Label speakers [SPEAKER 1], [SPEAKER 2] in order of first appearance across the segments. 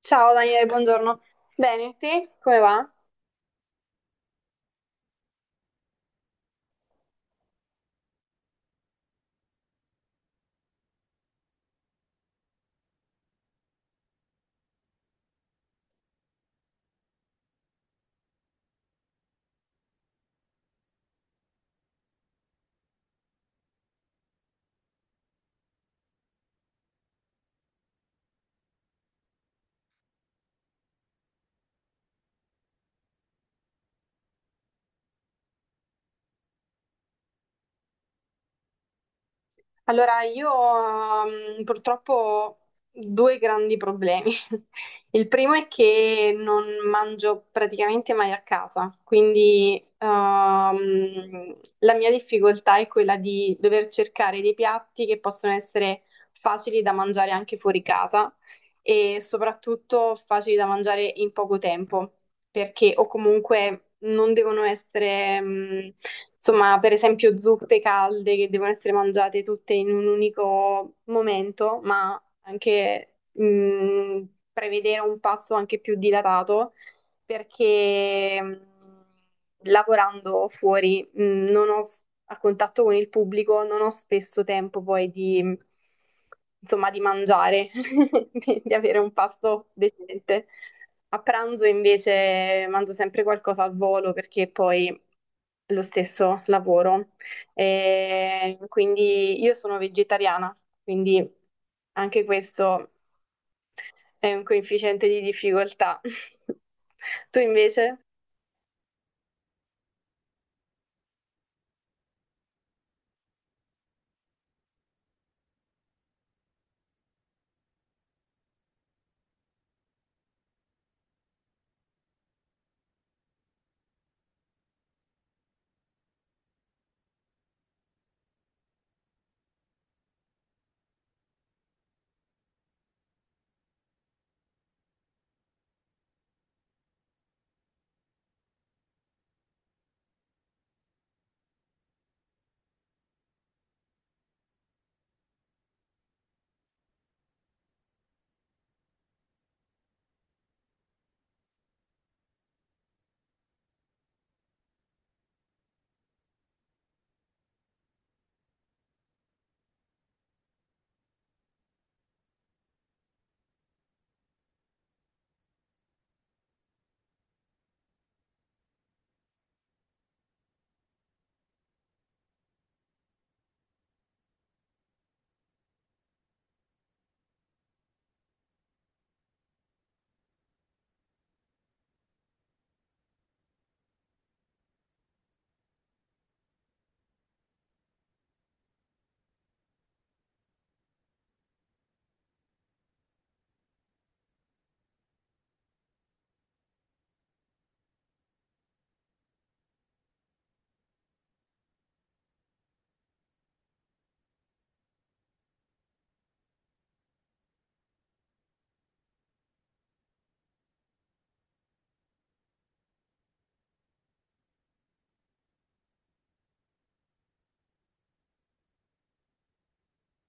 [SPEAKER 1] Ciao Daniele, buongiorno. Bene, te come va? Allora, io purtroppo ho due grandi problemi. Il primo è che non mangio praticamente mai a casa, quindi la mia difficoltà è quella di dover cercare dei piatti che possono essere facili da mangiare anche fuori casa e soprattutto facili da mangiare in poco tempo. Perché o comunque non devono essere, insomma, per esempio zuppe calde che devono essere mangiate tutte in un unico momento, ma anche prevedere un passo anche più dilatato perché lavorando fuori non ho a contatto con il pubblico, non ho spesso tempo poi di, insomma, di mangiare, di avere un pasto decente. A pranzo invece mangio sempre qualcosa al volo perché poi lo stesso lavoro. E quindi io sono vegetariana, quindi anche questo è un coefficiente di difficoltà. Tu invece?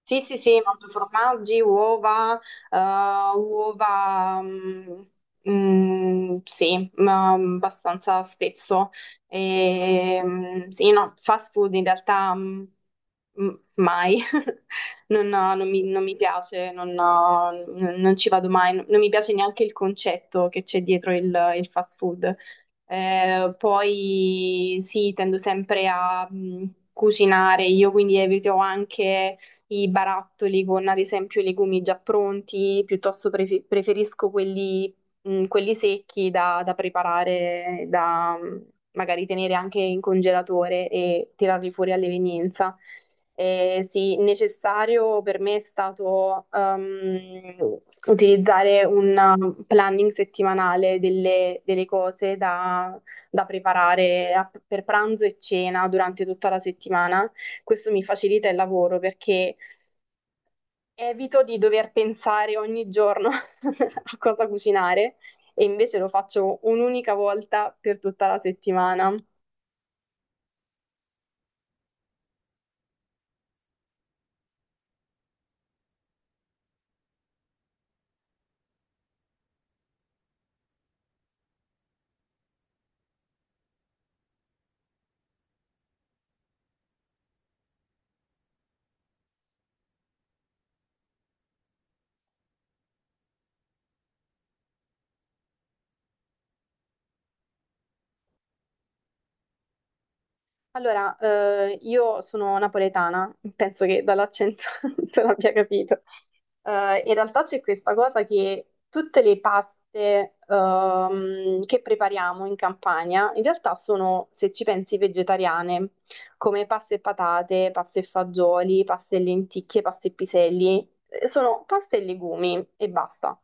[SPEAKER 1] Sì, sì, sì, mangio formaggi, uova, eh, uova, sì, ma abbastanza spesso. E, sì, no, fast food in realtà mai, non mi piace, non ci vado mai, non mi piace neanche il concetto che c'è dietro il fast food. Poi sì, tendo sempre a cucinare, io quindi evito anche i barattoli con ad esempio i legumi già pronti, piuttosto preferisco quelli, quelli secchi da, da preparare, da magari tenere anche in congelatore e tirarli fuori all'evenienza. Sì, necessario per me è stato utilizzare un planning settimanale delle, delle cose da, da preparare per pranzo e cena durante tutta la settimana. Questo mi facilita il lavoro perché evito di dover pensare ogni giorno a cosa cucinare e invece lo faccio un'unica volta per tutta la settimana. Allora, io sono napoletana, penso che dall'accento tu l'abbia capito. In realtà c'è questa cosa che tutte le paste che prepariamo in Campania, in realtà sono, se ci pensi, vegetariane, come paste e patate, paste e fagioli, paste e lenticchie, paste e piselli. Sono paste e legumi e basta.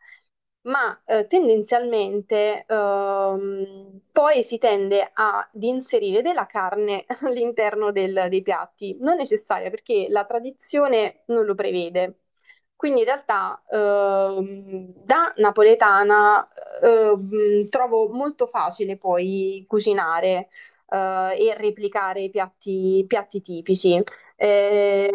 [SPEAKER 1] Ma tendenzialmente poi si tende ad inserire della carne all'interno dei piatti, non necessaria perché la tradizione non lo prevede. Quindi in realtà da napoletana trovo molto facile poi cucinare eh, e replicare i piatti tipici. E,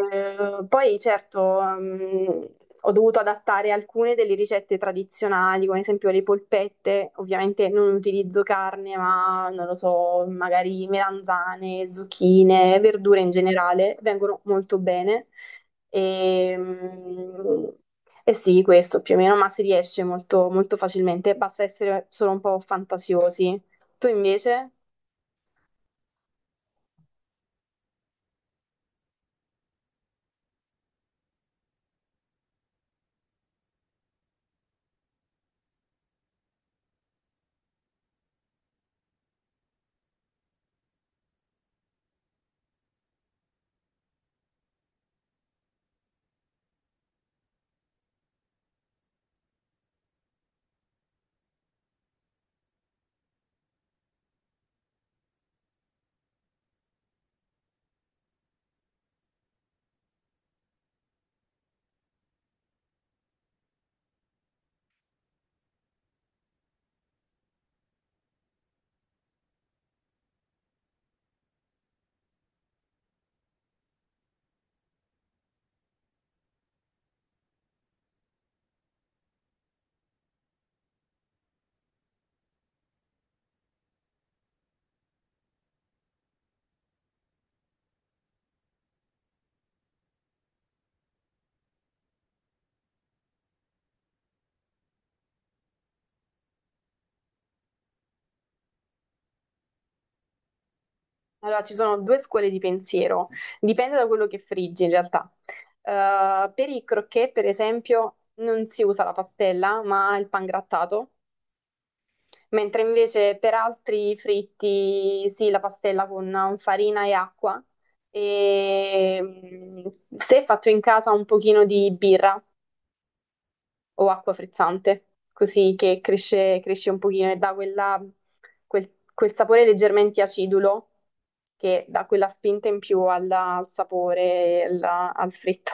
[SPEAKER 1] poi certo, ho dovuto adattare alcune delle ricette tradizionali, come ad esempio le polpette. Ovviamente non utilizzo carne, ma non lo so, magari melanzane, zucchine, verdure in generale, vengono molto bene. E, mm, e sì, questo più o meno, ma si riesce molto, molto facilmente, basta essere solo un po' fantasiosi. Tu invece? Allora, ci sono due scuole di pensiero, dipende da quello che friggi in realtà. Per i croquet, per esempio, non si usa la pastella, ma il pangrattato, mentre invece per altri fritti sì, la pastella con farina e acqua e se fatto in casa un pochino di birra, o acqua frizzante, così che cresce, cresce un pochino e dà quel sapore leggermente acidulo che dà quella spinta in più al sapore, al fritto.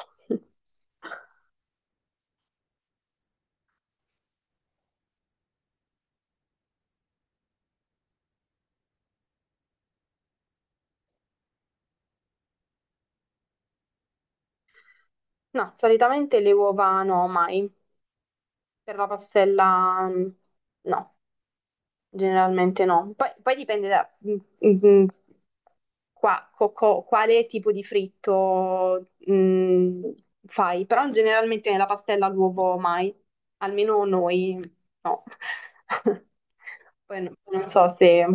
[SPEAKER 1] No, solitamente le uova no, mai. Per la pastella no, generalmente no. Poi dipende da, mm, mm, quale tipo di fritto fai, però generalmente nella pastella l'uovo mai, almeno noi no. Poi non so se...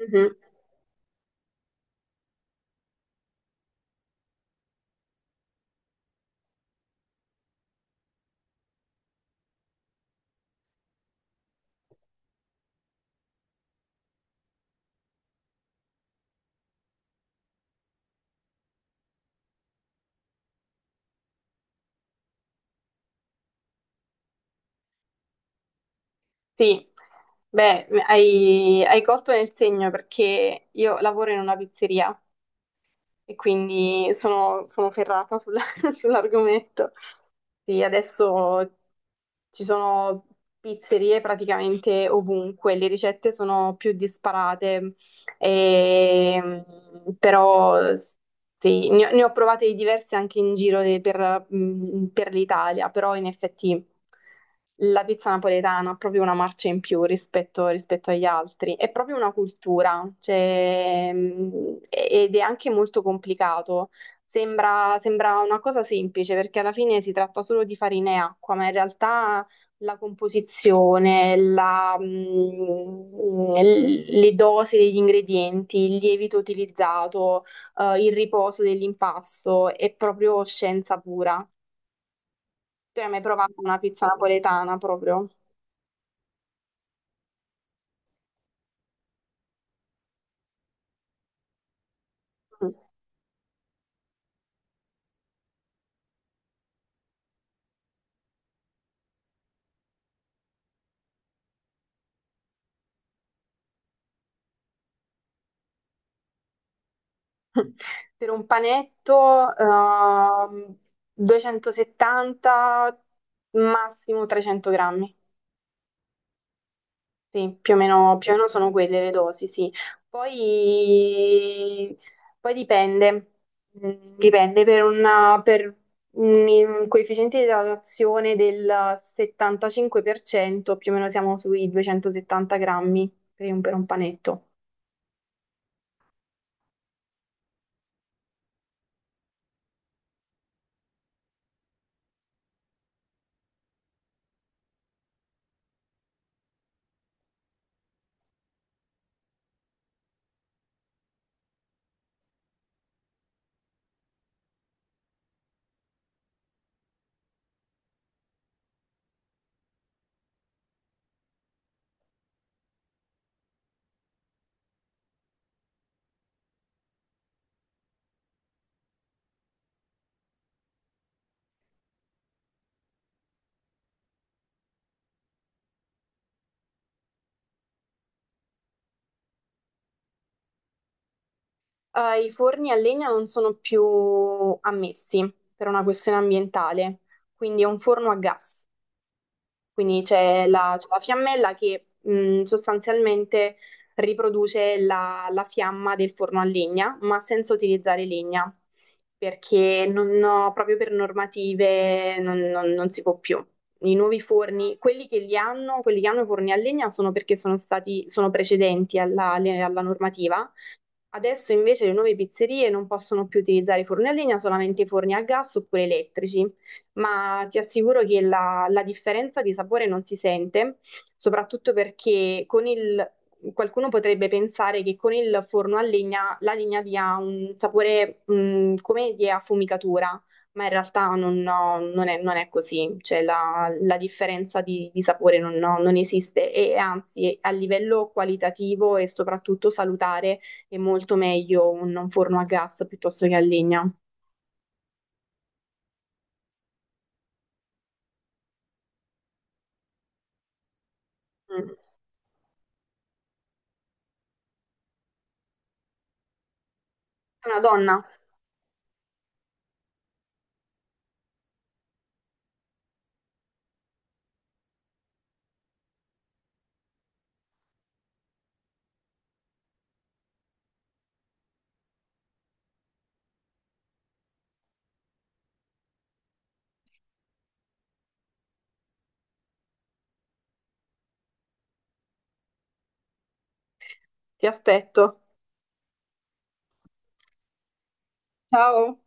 [SPEAKER 1] Mhm. Sì, beh, hai colto nel segno perché io lavoro in una pizzeria e quindi sono ferrata sulla- sull'argomento. Sì, adesso ci sono pizzerie praticamente ovunque, le ricette sono più disparate, e- però. Sì, ne ho provate di diverse anche in giro per l'Italia, però in effetti la pizza napoletana ha proprio una marcia in più rispetto agli altri, è proprio una cultura, cioè, ed è anche molto complicato. Sembra una cosa semplice perché alla fine si tratta solo di farina e acqua, ma in realtà la composizione, le dosi degli ingredienti, il lievito utilizzato il riposo dell'impasto, è proprio scienza pura. Tu hai mai provato una pizza napoletana proprio? Mm. Per un panetto, 270, massimo 300 grammi. Sì, più o meno sono quelle le dosi, sì. Poi, poi dipende, dipende per, per un coefficiente di idratazione del 75%, più o meno siamo sui 270 grammi per un panetto. I forni a legna non sono più ammessi per una questione ambientale, quindi è un forno a gas. Quindi c'è la fiammella che sostanzialmente riproduce la, la fiamma del forno a legna, ma senza utilizzare legna, perché non ho- proprio per normative non si può più. I nuovi forni, quelli che li hanno, quelli che hanno i forni a legna sono perché sono precedenti alla alla normativa. Adesso invece le nuove pizzerie non possono più utilizzare i forni a legna, solamente i forni a gas oppure elettrici, ma ti assicuro che la, la differenza di sapore non si sente, soprattutto perché qualcuno potrebbe pensare che con il forno a legna la legna dia un sapore come di affumicatura, ma in realtà non, no, non è, non è così, cioè la, la differenza di sapore non, no, non esiste e anzi a livello qualitativo e soprattutto salutare è molto meglio un forno a gas piuttosto che a legna. Mm. Una donna, ti aspetto. Ciao.